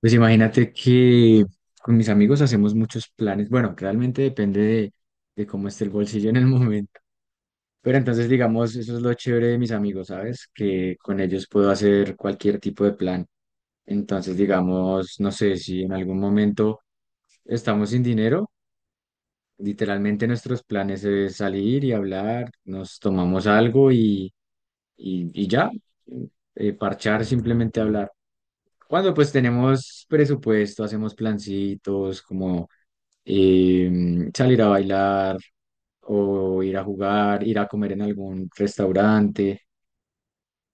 Pues imagínate que con mis amigos hacemos muchos planes. Bueno, realmente depende de cómo esté el bolsillo en el momento. Pero entonces, digamos, eso es lo chévere de mis amigos, ¿sabes? Que con ellos puedo hacer cualquier tipo de plan. Entonces, digamos, no sé si en algún momento estamos sin dinero. Literalmente nuestros planes es salir y hablar, nos tomamos algo y ya, parchar, simplemente hablar. Cuando pues tenemos presupuesto, hacemos plancitos como salir a bailar o ir a jugar, ir a comer en algún restaurante.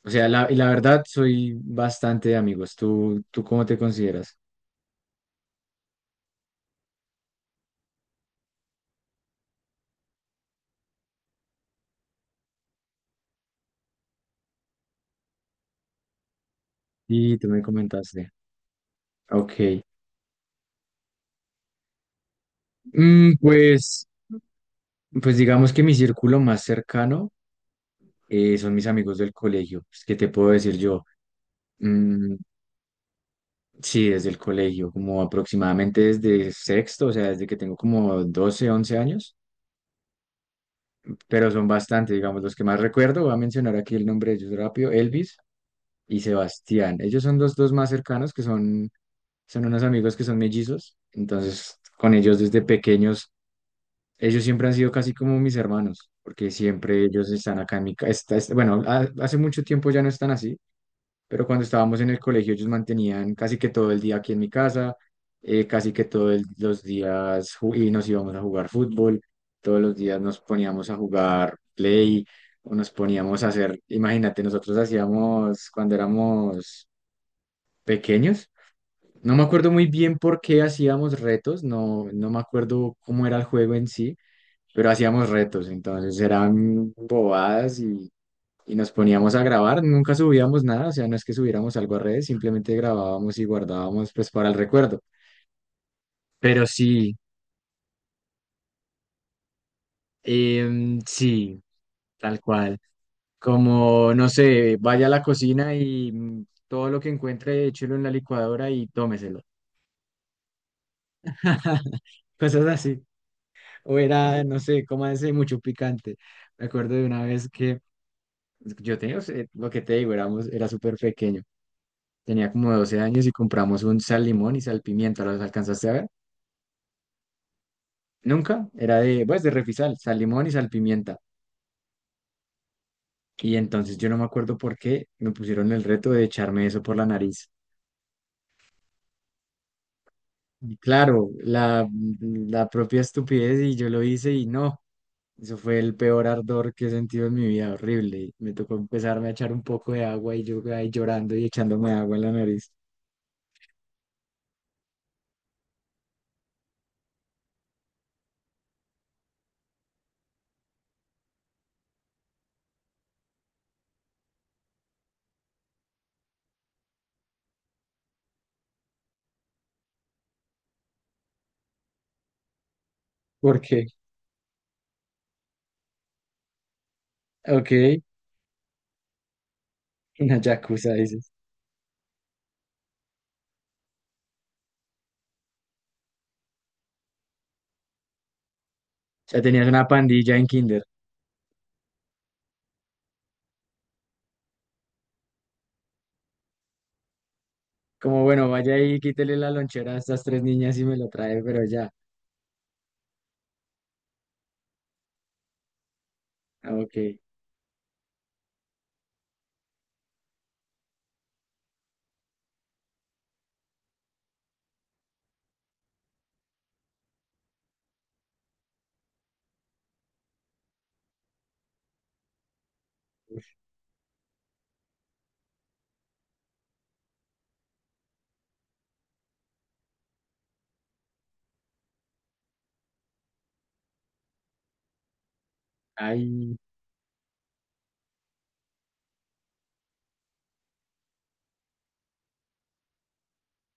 O sea, y la verdad soy bastante de amigos. ¿Tú cómo te consideras? Y tú me comentaste. Ok. Mm, pues... Pues digamos que mi círculo más cercano son mis amigos del colegio. Pues, ¿qué te puedo decir yo? Mm, sí, desde el colegio, como aproximadamente desde sexto, o sea, desde que tengo como 12 11 años, pero son bastante digamos, los que más recuerdo. Voy a mencionar aquí el nombre de ellos rápido, Elvis y Sebastián. Ellos son los dos más cercanos, que son unos amigos que son mellizos. Entonces, con ellos desde pequeños. Ellos siempre han sido casi como mis hermanos, porque siempre ellos están acá en mi casa. Bueno, hace mucho tiempo ya no están así, pero cuando estábamos en el colegio ellos mantenían casi que todo el día aquí en mi casa, casi que todos los días y nos íbamos a jugar fútbol, todos los días nos poníamos a jugar play o nos poníamos a hacer, imagínate, nosotros hacíamos cuando éramos pequeños. No me acuerdo muy bien por qué hacíamos retos, no, no me acuerdo cómo era el juego en sí, pero hacíamos retos, entonces eran bobadas y nos poníamos a grabar, nunca subíamos nada, o sea, no es que subiéramos algo a redes, simplemente grabábamos y guardábamos pues para el recuerdo. Pero sí, sí, tal cual. Como, no sé, vaya a la cocina y todo lo que encuentre, échelo en la licuadora y tómeselo. Cosas así. O era, no sé, ese mucho picante. Me acuerdo de una vez que yo tenía, o sea, lo que te digo, era súper pequeño. Tenía como 12 años y compramos un sal limón y sal pimienta. ¿Los alcanzaste a ver? Nunca. Era de, pues, de Refisal, sal limón y sal pimienta. Y entonces yo no me acuerdo por qué me pusieron el reto de echarme eso por la nariz. Y claro, la propia estupidez y yo lo hice y no. Eso fue el peor ardor que he sentido en mi vida, horrible. Me tocó empezarme a echar un poco de agua y yo ahí llorando y echándome agua en la nariz. ¿Por qué? Ok, una yakuza, dices. Ya tenías una pandilla en kinder. Como bueno, vaya y quítele la lonchera a estas tres niñas y me lo trae, pero ya. Ah, ok. Ay,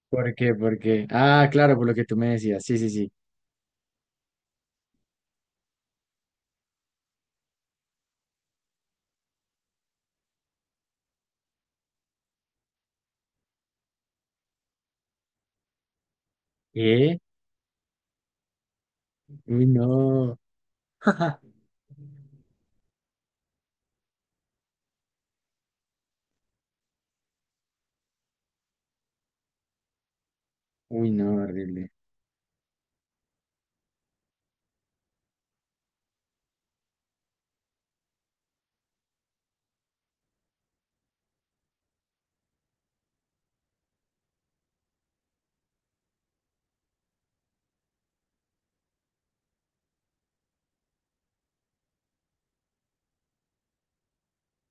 ¿por qué? ¿Por qué? Ah, claro, por lo que tú me decías. Sí, sí, sí. eh Uy, no. Uy, no, horrible.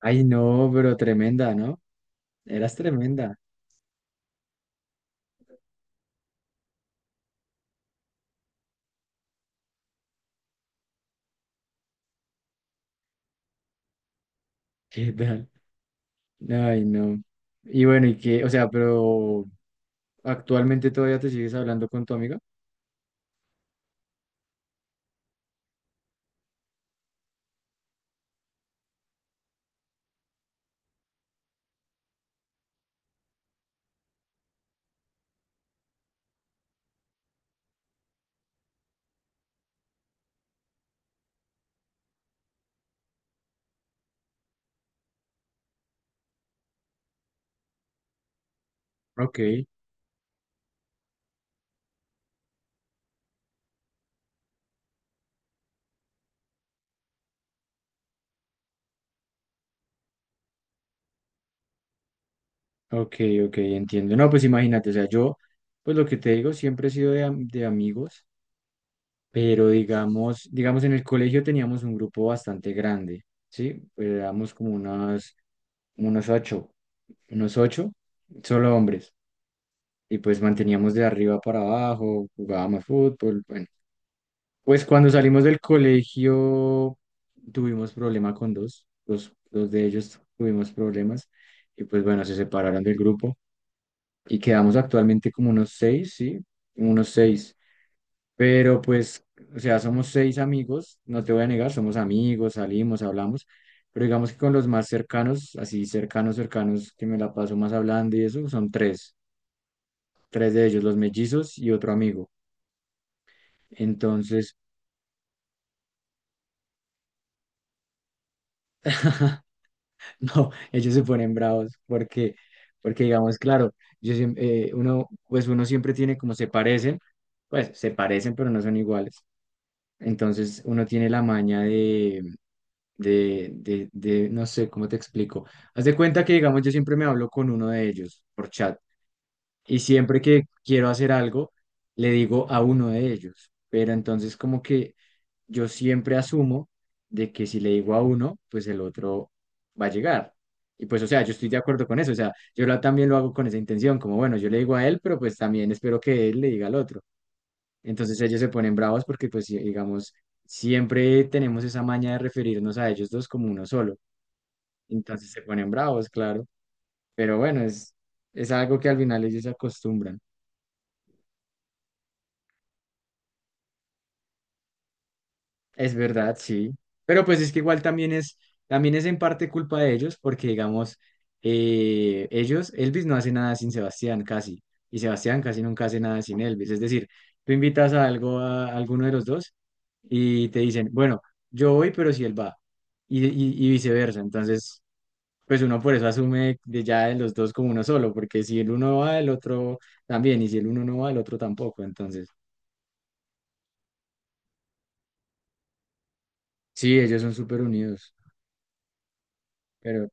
Ay, no, pero tremenda, ¿no? Eras tremenda. ¿Qué tal? Ay, no. Y bueno, ¿y qué? O sea, pero actualmente todavía te sigues hablando con tu amiga. Ok, ok, ok, entiendo. No, pues imagínate, o sea, yo, pues lo que te digo, siempre he sido de, de amigos. Pero digamos en el colegio teníamos un grupo bastante grande, ¿sí? Éramos como unos ocho, unos ocho, solo hombres, y pues manteníamos de arriba para abajo, jugábamos fútbol, bueno. Pues cuando salimos del colegio tuvimos problema con dos de ellos tuvimos problemas, y pues bueno, se separaron del grupo, y quedamos actualmente como unos seis, ¿sí? Unos seis. Pero pues, o sea, somos seis amigos, no te voy a negar, somos amigos, salimos, hablamos, pero digamos que con los más cercanos, así cercanos, cercanos, que me la paso más hablando y eso, son tres de ellos, los mellizos y otro amigo. Entonces, no, ellos se ponen bravos porque digamos, claro, uno, pues uno siempre tiene como se parecen, pues se parecen, pero no son iguales. Entonces uno tiene la maña de, no sé cómo te explico. Haz de cuenta que, digamos, yo siempre me hablo con uno de ellos por chat y siempre que quiero hacer algo, le digo a uno de ellos, pero entonces como que yo siempre asumo de que si le digo a uno, pues el otro va a llegar. Y pues, o sea, yo estoy de acuerdo con eso, o sea, yo también lo hago con esa intención, como bueno, yo le digo a él, pero pues también espero que él le diga al otro. Entonces ellos se ponen bravos porque pues, digamos, siempre tenemos esa maña de referirnos a ellos dos como uno solo, entonces se ponen bravos, claro. Pero bueno, es algo que al final ellos se acostumbran. Es verdad, sí. Pero pues es que igual también es en parte culpa de ellos, porque digamos, Elvis no hace nada sin Sebastián casi, y Sebastián casi nunca hace nada sin Elvis. Es decir, tú invitas a algo alguno de los dos y te dicen, bueno, yo voy, pero si él va, y viceversa. Entonces, pues uno por eso asume de ya de los dos como uno solo, porque si el uno va, el otro también, y si el uno no va, el otro tampoco. Entonces, sí, ellos son súper unidos, pero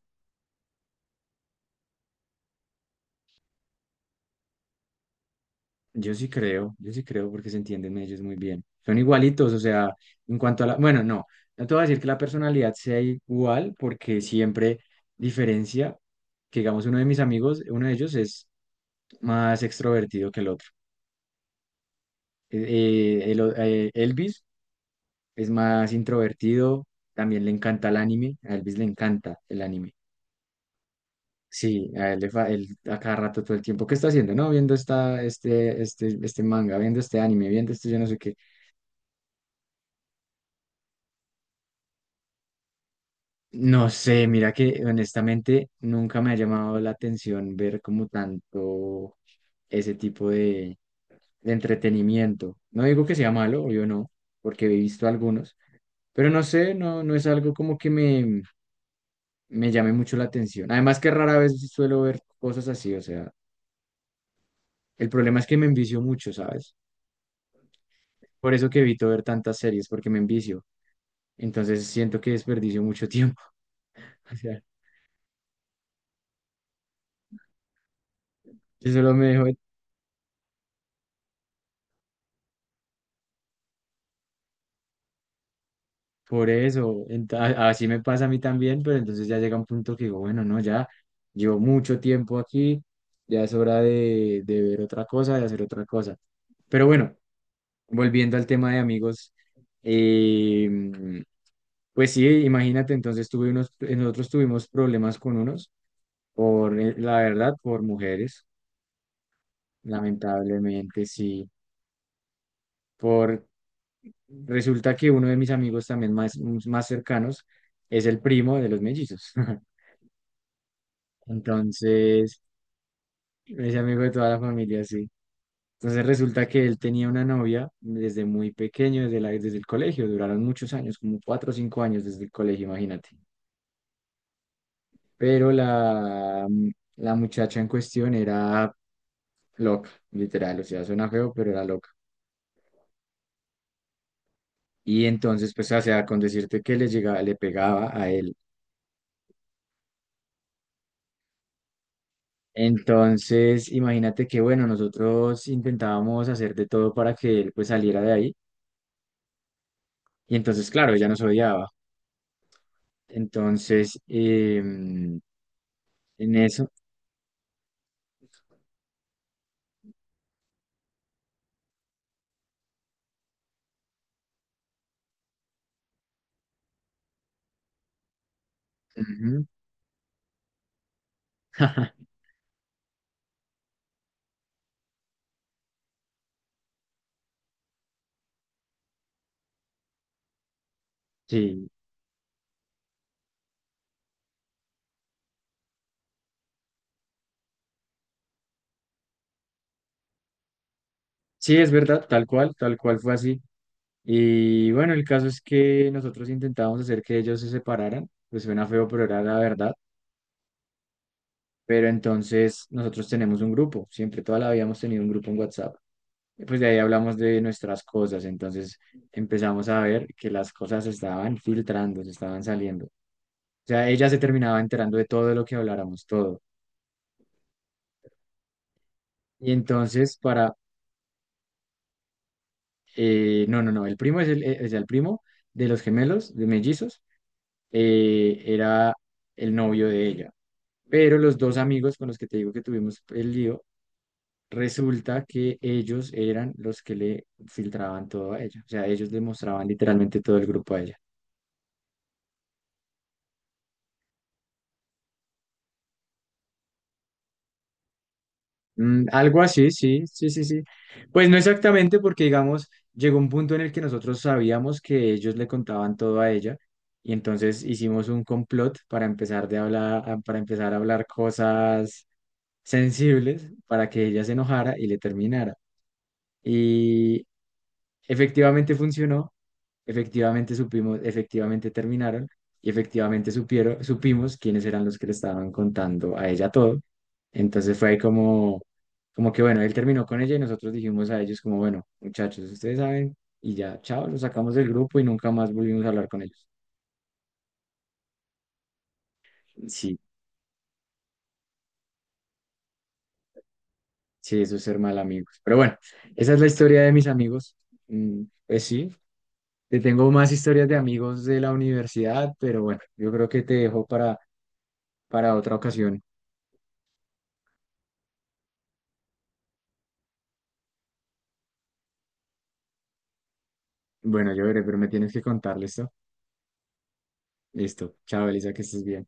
yo sí creo porque se entienden ellos muy bien. Son igualitos, o sea, en cuanto a la, bueno, no, no te voy a decir que la personalidad sea igual, porque siempre diferencia, que digamos, uno de mis amigos, uno de ellos es más extrovertido que el otro. Elvis es más introvertido, también le encanta el anime, a Elvis le encanta el anime. Sí, a él, él a cada rato todo el tiempo, ¿qué está haciendo? No, viendo este manga, viendo este anime, viendo esto, yo no sé qué. No sé, mira que honestamente nunca me ha llamado la atención ver como tanto ese tipo de entretenimiento. No digo que sea malo, yo no, porque he visto algunos, pero no sé, no, no es algo como que me llame mucho la atención. Además que rara vez suelo ver cosas así, o sea, el problema es que me envicio mucho, ¿sabes? Por eso que evito ver tantas series, porque me envicio. Entonces siento que desperdicio mucho tiempo. O sea, yo solo me dejo por eso. Así me pasa a mí también, pero entonces ya llega un punto que digo, bueno, no, ya llevo mucho tiempo aquí, ya es hora de ver otra cosa, de hacer otra cosa. Pero bueno, volviendo al tema de amigos, em, pues sí, imagínate, entonces tuve unos, nosotros tuvimos problemas con unos, por la verdad, por mujeres, lamentablemente sí, por, resulta que uno de mis amigos también más cercanos es el primo de los mellizos, entonces es amigo de toda la familia, sí. Entonces resulta que él tenía una novia desde muy pequeño, desde la, desde el colegio, duraron muchos años, como 4 o 5 años desde el colegio, imagínate. Pero la muchacha en cuestión era loca, literal, o sea, suena feo, pero era loca. Y entonces, pues, o sea, con decirte que le llegaba, le pegaba a él. Entonces, imagínate que, bueno, nosotros intentábamos hacer de todo para que él, pues, saliera de ahí. Y entonces, claro, ella nos odiaba. Entonces, en eso, ujú. Sí, sí, es verdad, tal cual fue así. Y bueno, el caso es que nosotros intentábamos hacer que ellos se separaran, pues suena feo, pero era la verdad. Pero entonces nosotros tenemos un grupo, siempre toda la vida hemos tenido un grupo en WhatsApp. Y pues de ahí hablamos de nuestras cosas, entonces empezamos a ver que las cosas se estaban filtrando, se estaban saliendo. O sea, ella se terminaba enterando de todo lo que habláramos, todo. Y entonces no, no, no, el primo es o sea, el primo de los gemelos, de mellizos, era el novio de ella. Pero los dos amigos con los que te digo que tuvimos el lío, resulta que ellos eran los que le filtraban todo a ella. O sea, ellos le mostraban literalmente todo el grupo a ella. Mm, algo así, sí, sí, sí, sí. Pues no exactamente porque, digamos, llegó un punto en el que nosotros sabíamos que ellos le contaban todo a ella y entonces hicimos un complot para empezar de hablar, para empezar a hablar cosas sensibles para que ella se enojara y le terminara. Efectivamente funcionó, efectivamente supimos, efectivamente terminaron y efectivamente supimos quiénes eran los que le estaban contando a ella todo. Entonces fue ahí como, como que bueno, él terminó con ella y nosotros dijimos a ellos como, bueno, muchachos, ustedes saben y ya, chao, los sacamos del grupo y nunca más volvimos a hablar con ellos. Sí, sí, eso es ser mal amigos. Pero bueno, esa es la historia de mis amigos. Pues sí, te tengo más historias de amigos de la universidad, pero bueno, yo creo que te dejo para otra ocasión. Bueno, yo veré, pero me tienes que contar, ¿listo? Listo. Chao, Elisa, que estés bien.